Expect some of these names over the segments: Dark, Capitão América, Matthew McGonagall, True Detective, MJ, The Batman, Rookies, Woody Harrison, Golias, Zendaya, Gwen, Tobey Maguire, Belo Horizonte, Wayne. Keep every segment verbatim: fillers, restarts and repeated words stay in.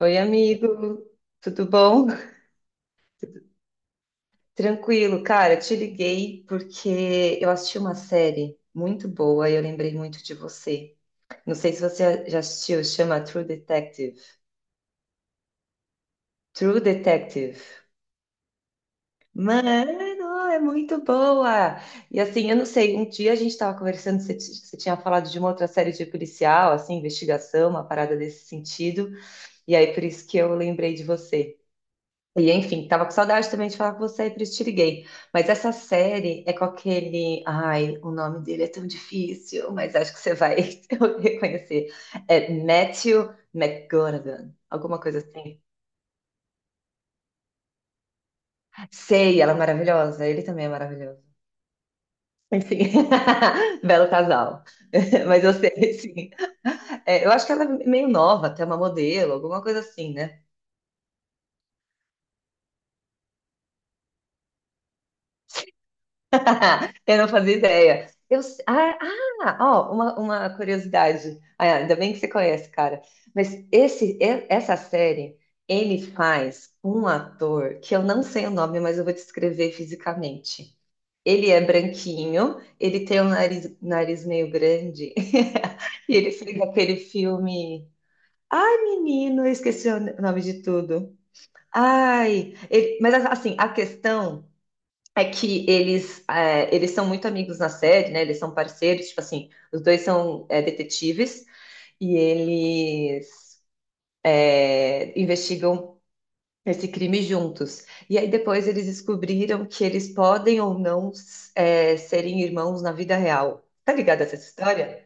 Oi, amigo, tudo bom? Tranquilo, cara, te liguei porque eu assisti uma série muito boa e eu lembrei muito de você. Não sei se você já assistiu, chama True Detective. True Detective. Mano, é muito boa! E assim, eu não sei, um dia a gente estava conversando, você, ti- você tinha falado de uma outra série de policial, assim, investigação, uma parada desse sentido, e aí por isso que eu lembrei de você. E enfim, tava com saudade também de falar com você e por isso te liguei. Mas essa série é com aquele. Ai, o nome dele é tão difícil, mas acho que você vai reconhecer. É Matthew McGonagall, alguma coisa assim. Sei, ela é maravilhosa, ele também é maravilhoso. Enfim, belo casal. Mas eu sei, sim. É, eu acho que ela é meio nova, até uma modelo, alguma coisa assim, né? Eu não fazia ideia. Eu, s- ah, ah, ó, uma, uma curiosidade. Ah, ainda bem que você conhece, cara. Mas esse, e- essa série, ele faz um ator que eu não sei o nome, mas eu vou descrever fisicamente. Ele é branquinho, ele tem um nariz, nariz meio grande, e ele fez aquele filme. Ai, menino, eu esqueci o nome de tudo. Ai, ele- mas assim, a questão. É que eles, é, eles são muito amigos na série, né? Eles são parceiros, tipo assim, os dois são é, detetives e eles é, investigam esse crime juntos. E aí depois eles descobriram que eles podem ou não é, serem irmãos na vida real. Tá ligado a essa história?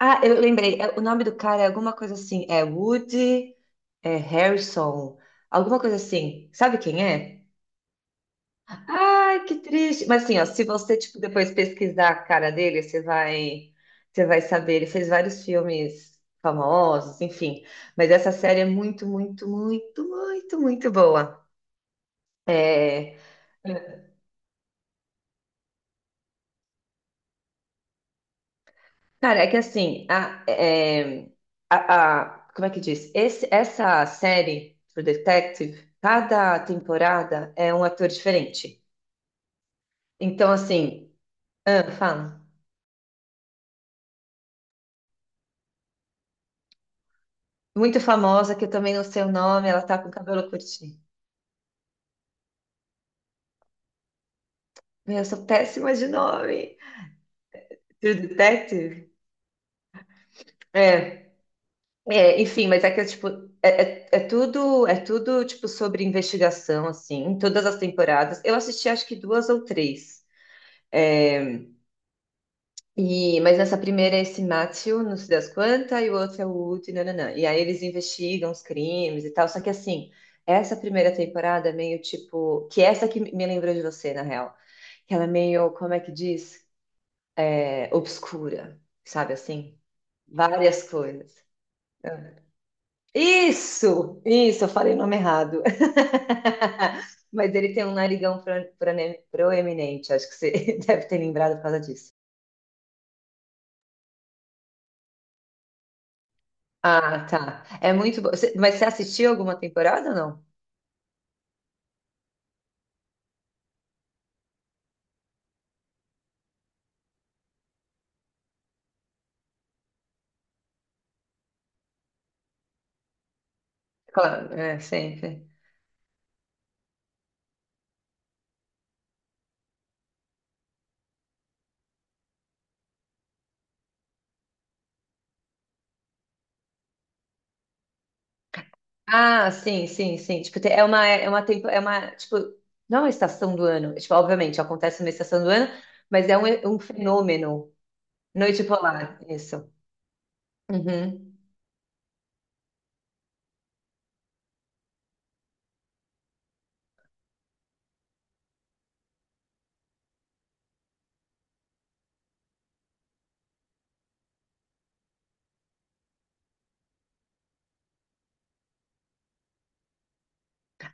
Ah, eu lembrei. É, o nome do cara é alguma coisa assim. É Woody, é Harrison, alguma coisa assim. Sabe quem é? Ai, que triste. Mas assim, ó, se você tipo depois pesquisar a cara dele, você vai, você vai saber. Ele fez vários filmes famosos, enfim. Mas essa série é muito, muito, muito, muito, muito boa. É, cara, é que assim, a, é, a, a- como é que diz? Esse, essa série, True Detective, cada temporada é um ator diferente. Então, assim, ah, fala. Muito famosa, que eu também não sei o nome, ela tá com cabelo curtinho. Meu, eu sou péssima de nome. True Detective? É. É, enfim, mas é que é tipo, é, é, é tudo, é tudo tipo sobre investigação assim, em todas as temporadas. Eu assisti acho que duas ou três. É, e mas nessa primeira é esse Matthew, não sei das quantas, e o outro é o Woody, nananã. E aí eles investigam os crimes e tal, só que assim, essa primeira temporada é meio tipo, que é essa que me lembrou de você, na real, que ela é meio, como é que diz? É, obscura, sabe assim? Várias coisas. Isso, isso, eu falei o nome errado. Mas ele tem um narigão pro- prone- proeminente, acho que você deve ter lembrado por causa disso. Ah, tá. É muito bom. Você- Mas você assistiu alguma temporada ou não? Claro, é, sempre. Ah, sim, sim, sim. Tipo, tem- é uma, é uma, tempo, é uma, tipo, não é uma estação do ano. Tipo, obviamente, acontece uma estação do ano, mas é um, um fenômeno. Noite polar, isso. Uhum.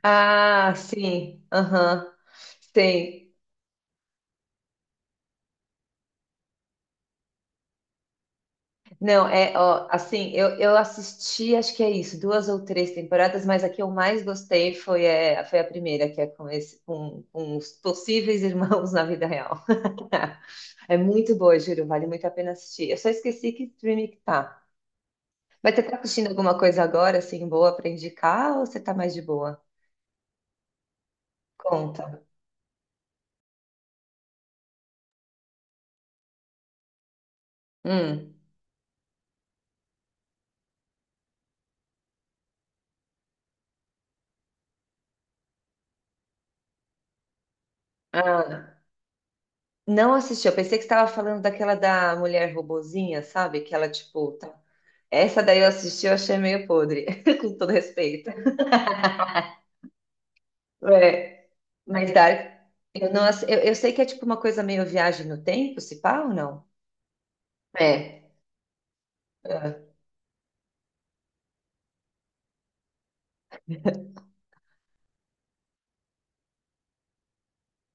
Ah, sim, aham. Sim. Não, é, ó, assim, eu, eu assisti, acho que é isso, duas ou três temporadas, mas a que eu mais gostei foi, é, foi a primeira, que é com, esse, com, com os possíveis irmãos na vida real. É muito boa, juro, vale muito a pena assistir. Eu só esqueci que streaming que tá. Mas você tá assistindo alguma coisa agora, assim, boa pra indicar, ou você tá mais de boa? Conta. Hum. Ah, não assisti, eu pensei que você tava falando daquela da mulher robozinha, sabe? Que ela, tipo, tá… Essa daí eu assisti, eu achei meio podre, com todo respeito. É, mas Dark, eu, não, ass- eu, eu sei que é tipo uma coisa meio viagem no tempo, se pá ou não? É. Ah,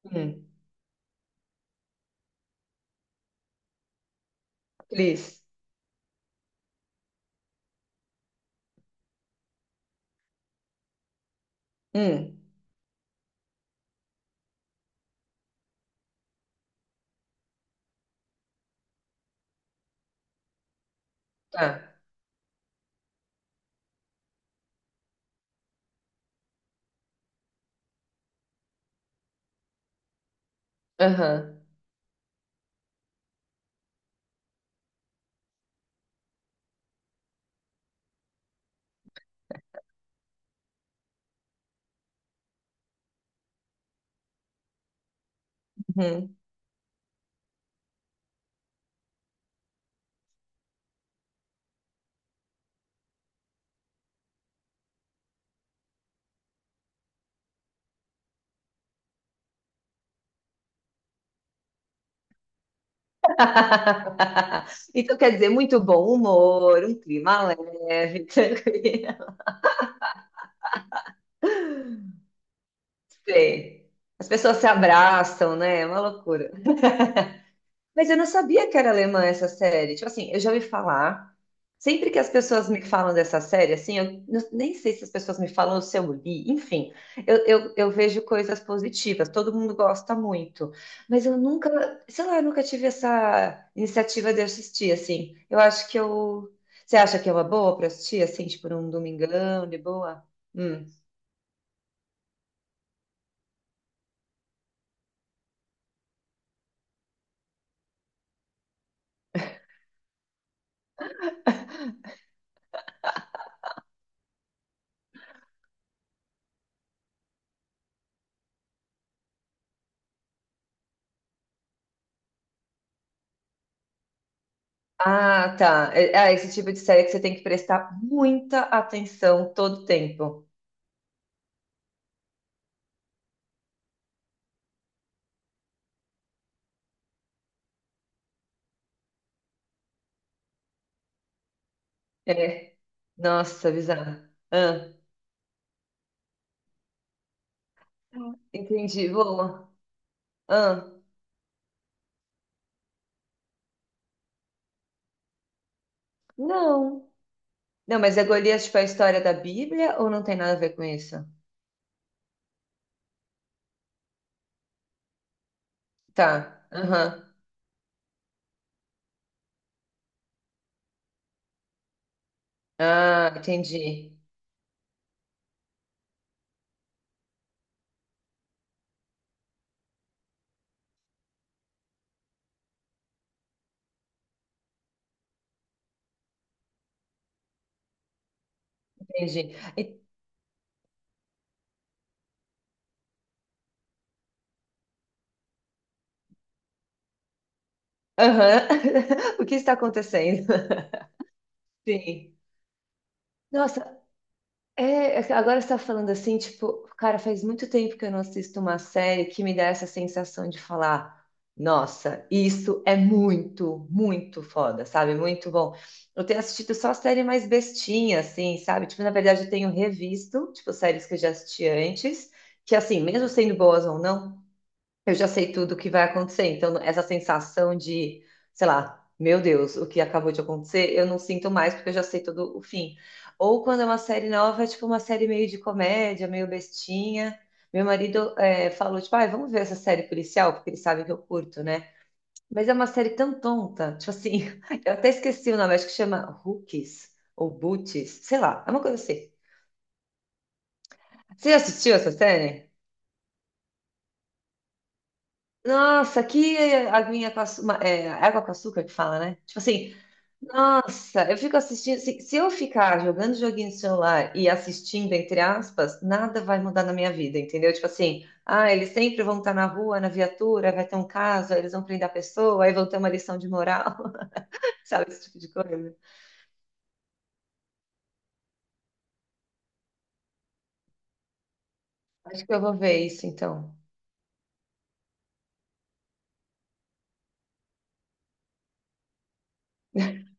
hum, Cris. Hum, tá. Aham. Uhum. Então quer dizer, muito bom humor, um clima leve, tranquilo. Sei. As pessoas se abraçam, né? É uma loucura. Mas eu não sabia que era alemã essa série. Tipo assim, eu já ouvi falar. Sempre que as pessoas me falam dessa série, assim, eu n- nem sei se as pessoas me falam ou se eu li, enfim, eu, eu, eu vejo coisas positivas, todo mundo gosta muito. Mas eu nunca, sei lá, eu nunca tive essa iniciativa de assistir, assim. Eu acho que eu. Você acha que é uma boa para assistir, assim, tipo num domingão, de boa? Hum. Ah, tá. É, é esse tipo de série que você tem que prestar muita atenção todo tempo. É. Nossa, bizarro. Ah, entendi. Boa. Ah, não. Não, mas é Golias, tipo, é a história da Bíblia ou não tem nada a ver com isso? Tá. Aham. Ah, entendi. Entendi. E- Aham. O que está acontecendo? Sim. Nossa, é, agora você tá falando assim, tipo, cara, faz muito tempo que eu não assisto uma série que me dá essa sensação de falar, nossa, isso é muito, muito foda, sabe? Muito bom. Eu tenho assistido só série mais bestinha, assim, sabe? Tipo, na verdade, eu tenho revisto, tipo, séries que eu já assisti antes, que assim, mesmo sendo boas ou não, eu já sei tudo o que vai acontecer. Então, essa sensação de, sei lá, meu Deus, o que acabou de acontecer, eu não sinto mais porque eu já sei todo o fim. Ou quando é uma série nova, é tipo uma série meio de comédia, meio bestinha. Meu marido é, falou, tipo, ai, vamos ver essa série policial, porque ele sabe que eu curto, né? Mas é uma série tão tonta, tipo assim, eu até esqueci o nome, acho que chama Rookies ou Boots, sei lá, é uma coisa assim. Você já assistiu essa série? Nossa, que aguinha com açúcar, água com açúcar que fala, né? Tipo assim, nossa, eu fico assistindo. Se, se eu ficar jogando joguinho no celular e assistindo, entre aspas, nada vai mudar na minha vida, entendeu? Tipo assim, ah, eles sempre vão estar na rua, na viatura, vai ter um caso, aí eles vão prender a pessoa, aí vão ter uma lição de moral, sabe? Esse tipo de coisa. Acho que eu vou ver isso então.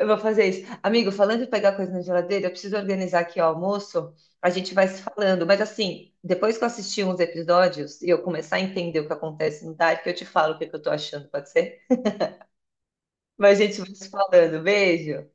Eu vou fazer isso. Amigo, falando em pegar coisa na geladeira, eu preciso organizar aqui o almoço. A gente vai se falando, mas assim, depois que eu assistir uns episódios e eu começar a entender o que acontece no Dark, eu te falo o que que eu tô achando, pode ser? Mas a gente vai se falando. Beijo.